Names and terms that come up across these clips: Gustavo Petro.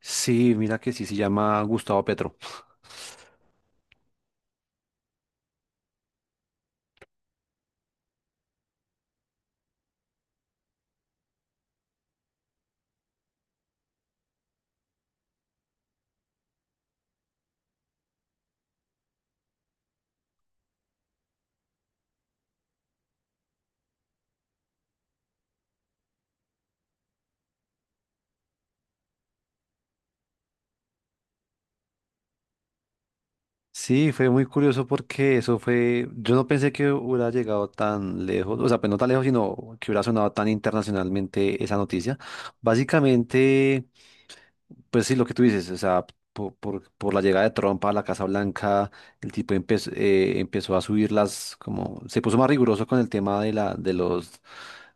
Sí, mira que sí se llama Gustavo Petro. Sí, fue muy curioso porque eso fue, yo no pensé que hubiera llegado tan lejos, o sea, pues no tan lejos, sino que hubiera sonado tan internacionalmente esa noticia. Básicamente... pues sí, lo que tú dices, o sea, por la llegada de Trump a la Casa Blanca, el tipo empezó, empezó a subir las, como, se puso más riguroso con el tema de la, de los,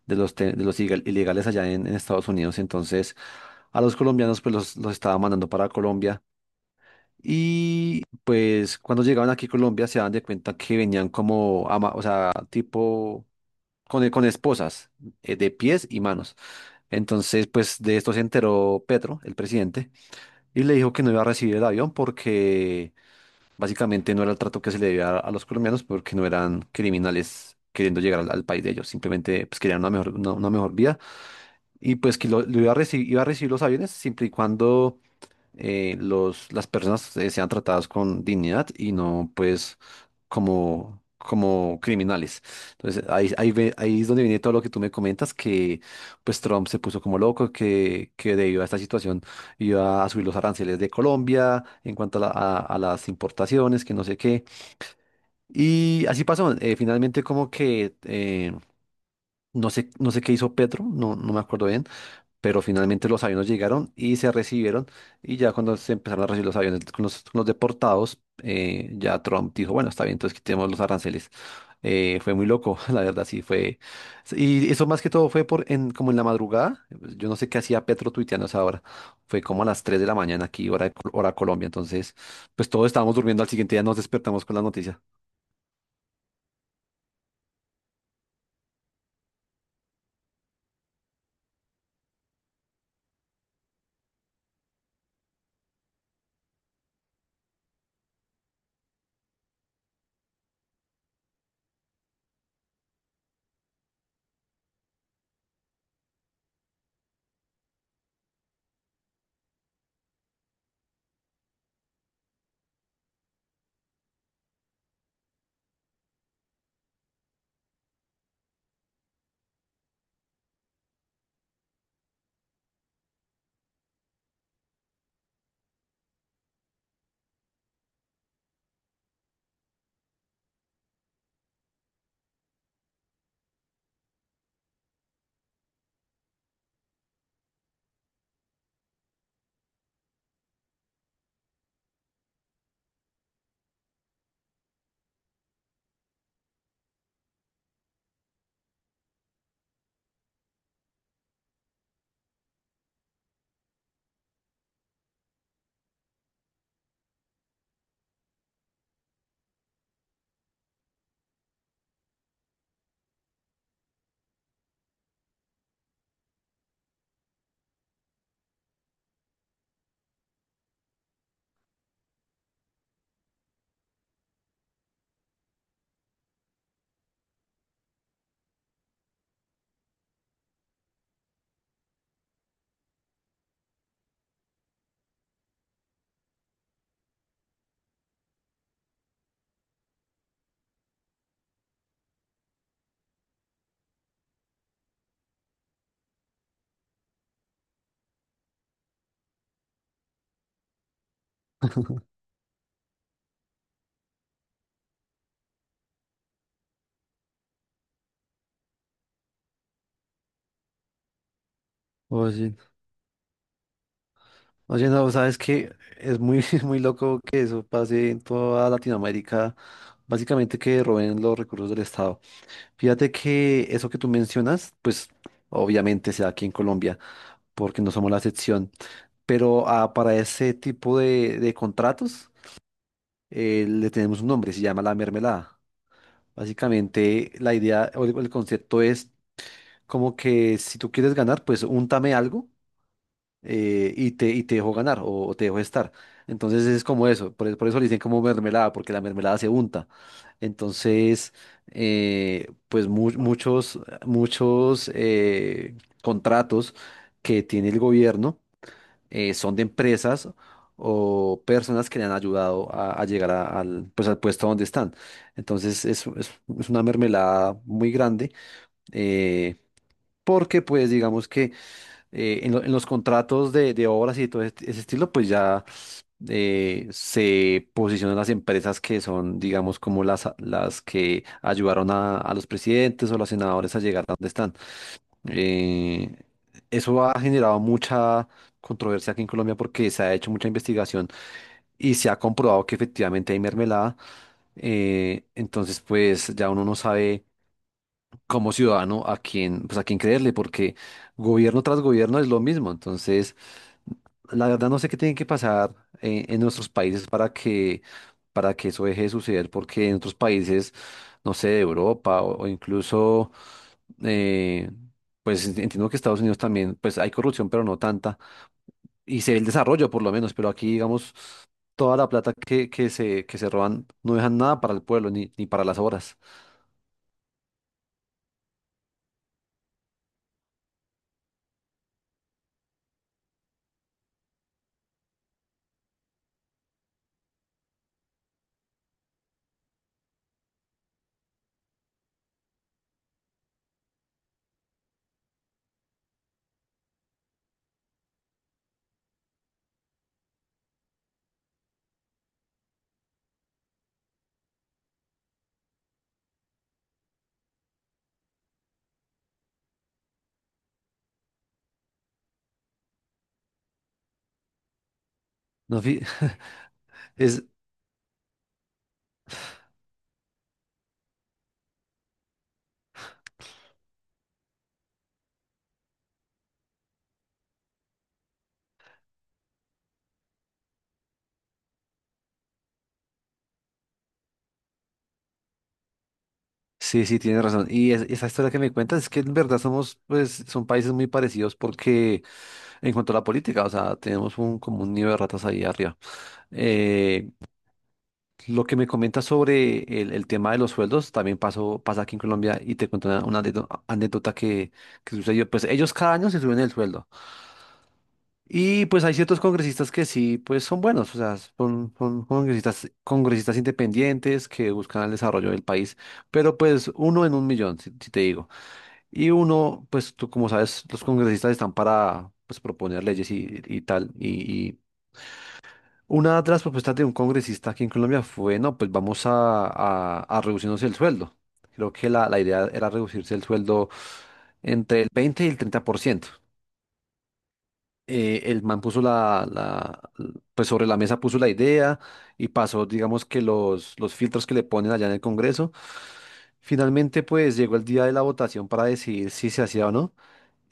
de los ilegales allá en Estados Unidos. Entonces, a los colombianos, pues los estaba mandando para Colombia. Y pues cuando llegaban aquí a Colombia se daban de cuenta que venían como, o sea, tipo, con esposas de pies y manos. Entonces, pues de esto se enteró Petro, el presidente, y le dijo que no iba a recibir el avión porque básicamente no era el trato que se le debía a los colombianos, porque no eran criminales queriendo llegar al, al país de ellos, simplemente pues querían una mejor vida, y pues que lo iba a recibir los aviones siempre y cuando los, las personas sean tratadas con dignidad y no pues como, como criminales. Entonces ahí, ahí, ahí es donde viene todo lo que tú me comentas, que pues Trump se puso como loco, que debido a esta situación iba a subir los aranceles de Colombia en cuanto a, a las importaciones, que no sé qué. Y así pasó, finalmente como que... no sé, no sé qué hizo Petro, no, no me acuerdo bien, pero finalmente los aviones llegaron y se recibieron, y ya cuando se empezaron a recibir los aviones con los deportados, ya Trump dijo, bueno, está bien, entonces quitemos los aranceles. Fue muy loco, la verdad, sí, fue. Y eso más que todo fue por en, como en la madrugada. Yo no sé qué hacía Petro tuiteando a esa hora, fue como a las 3 de la mañana aquí, hora, de hora Colombia, entonces pues todos estábamos durmiendo, al siguiente día nos despertamos con la noticia. Oye, oye, no, sabes que es muy, muy loco que eso pase en toda Latinoamérica, básicamente que roben los recursos del Estado. Fíjate que eso que tú mencionas, pues obviamente se da aquí en Colombia, porque no somos la excepción, pero para ese tipo de contratos le tenemos un nombre, se llama la mermelada. Básicamente la idea o el concepto es como que si tú quieres ganar, pues úntame algo y te dejó ganar o te dejó estar. Entonces es como eso, por eso le dicen como mermelada, porque la mermelada se unta. Entonces, pues muchos, muchos contratos que tiene el gobierno son de empresas o personas que le han ayudado a llegar al, pues, al puesto donde están. Entonces es, es una mermelada muy grande, eh, porque pues digamos que en, en los contratos de obras y todo ese estilo, pues ya se posicionan las empresas que son, digamos, como las que ayudaron a los presidentes o los senadores a llegar a donde están. Eh, eso ha generado mucha controversia aquí en Colombia porque se ha hecho mucha investigación y se ha comprobado que efectivamente hay mermelada. Entonces, pues ya uno no sabe como ciudadano a quién, pues a quién creerle, porque gobierno tras gobierno es lo mismo. Entonces, la verdad no sé qué tiene que pasar en nuestros países para que eso deje de suceder, porque en otros países, no sé, de Europa o incluso, eh, pues entiendo que Estados Unidos también, pues hay corrupción, pero no tanta, y se ve el desarrollo por lo menos, pero aquí, digamos, toda la plata que se roban no dejan nada para el pueblo ni, ni para las obras. No, es, sí, sí, tienes razón. Y esa historia que me cuentas es que en verdad somos, pues, son países muy parecidos porque... en cuanto a la política, o sea, tenemos un, como un nido de ratas ahí arriba. Eh, lo que me comentas sobre el tema de los sueldos también pasó, pasa aquí en Colombia, y te cuento una anécdota que sucedió. Pues ellos cada año se suben el sueldo. Y pues hay ciertos congresistas que sí, pues son buenos, o sea, son, son congresistas, congresistas independientes que buscan el desarrollo del país, pero pues uno en un millón, si te digo. Y uno, pues tú como sabes, los congresistas están para pues proponer leyes y tal, y una de las propuestas de un congresista aquí en Colombia fue, no, pues vamos a reducirnos el sueldo. Creo que la idea era reducirse el sueldo entre el 20 y el 30%. El man puso la, la, pues sobre la mesa puso la idea y pasó, digamos que los filtros que le ponen allá en el Congreso. Finalmente, pues llegó el día de la votación para decidir si se hacía o no,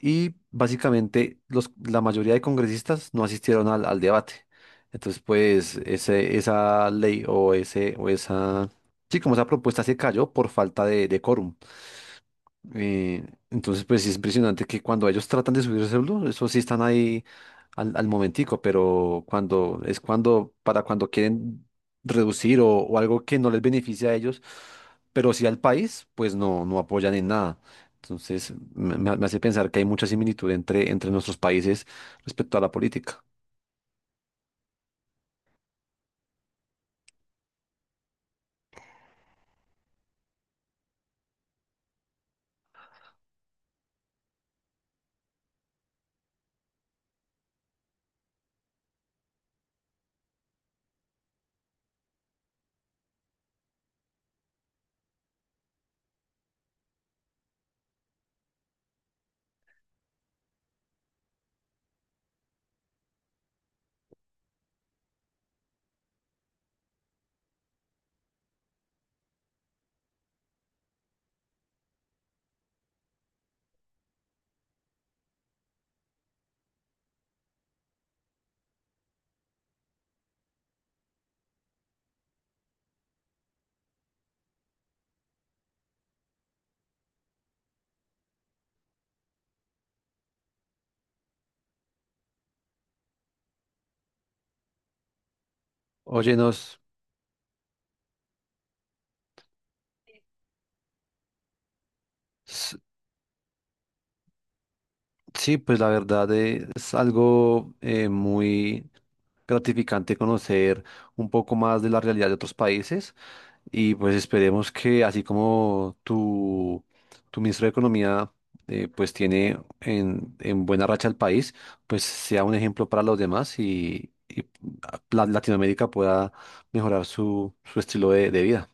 y básicamente los, la mayoría de congresistas no asistieron al, al debate. Entonces, pues ese, esa ley o, ese, o esa, sí, como esa propuesta se cayó por falta de quórum. Eh, entonces, pues sí es impresionante que cuando ellos tratan de subir el celular, eso sí están ahí al, al momentico, pero cuando es cuando, para cuando quieren reducir o algo que no les beneficia a ellos, pero sí al país, pues no, no apoyan en nada. Entonces, me, me hace pensar que hay mucha similitud entre, entre nuestros países respecto a la política. Oye, nos, s- sí, pues la verdad es algo muy gratificante conocer un poco más de la realidad de otros países. Y pues esperemos que así como tu ministro de Economía pues tiene en buena racha el país, pues sea un ejemplo para los demás y Latinoamérica pueda mejorar su, su estilo de vida.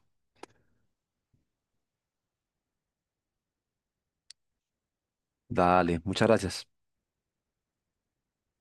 Dale, muchas gracias.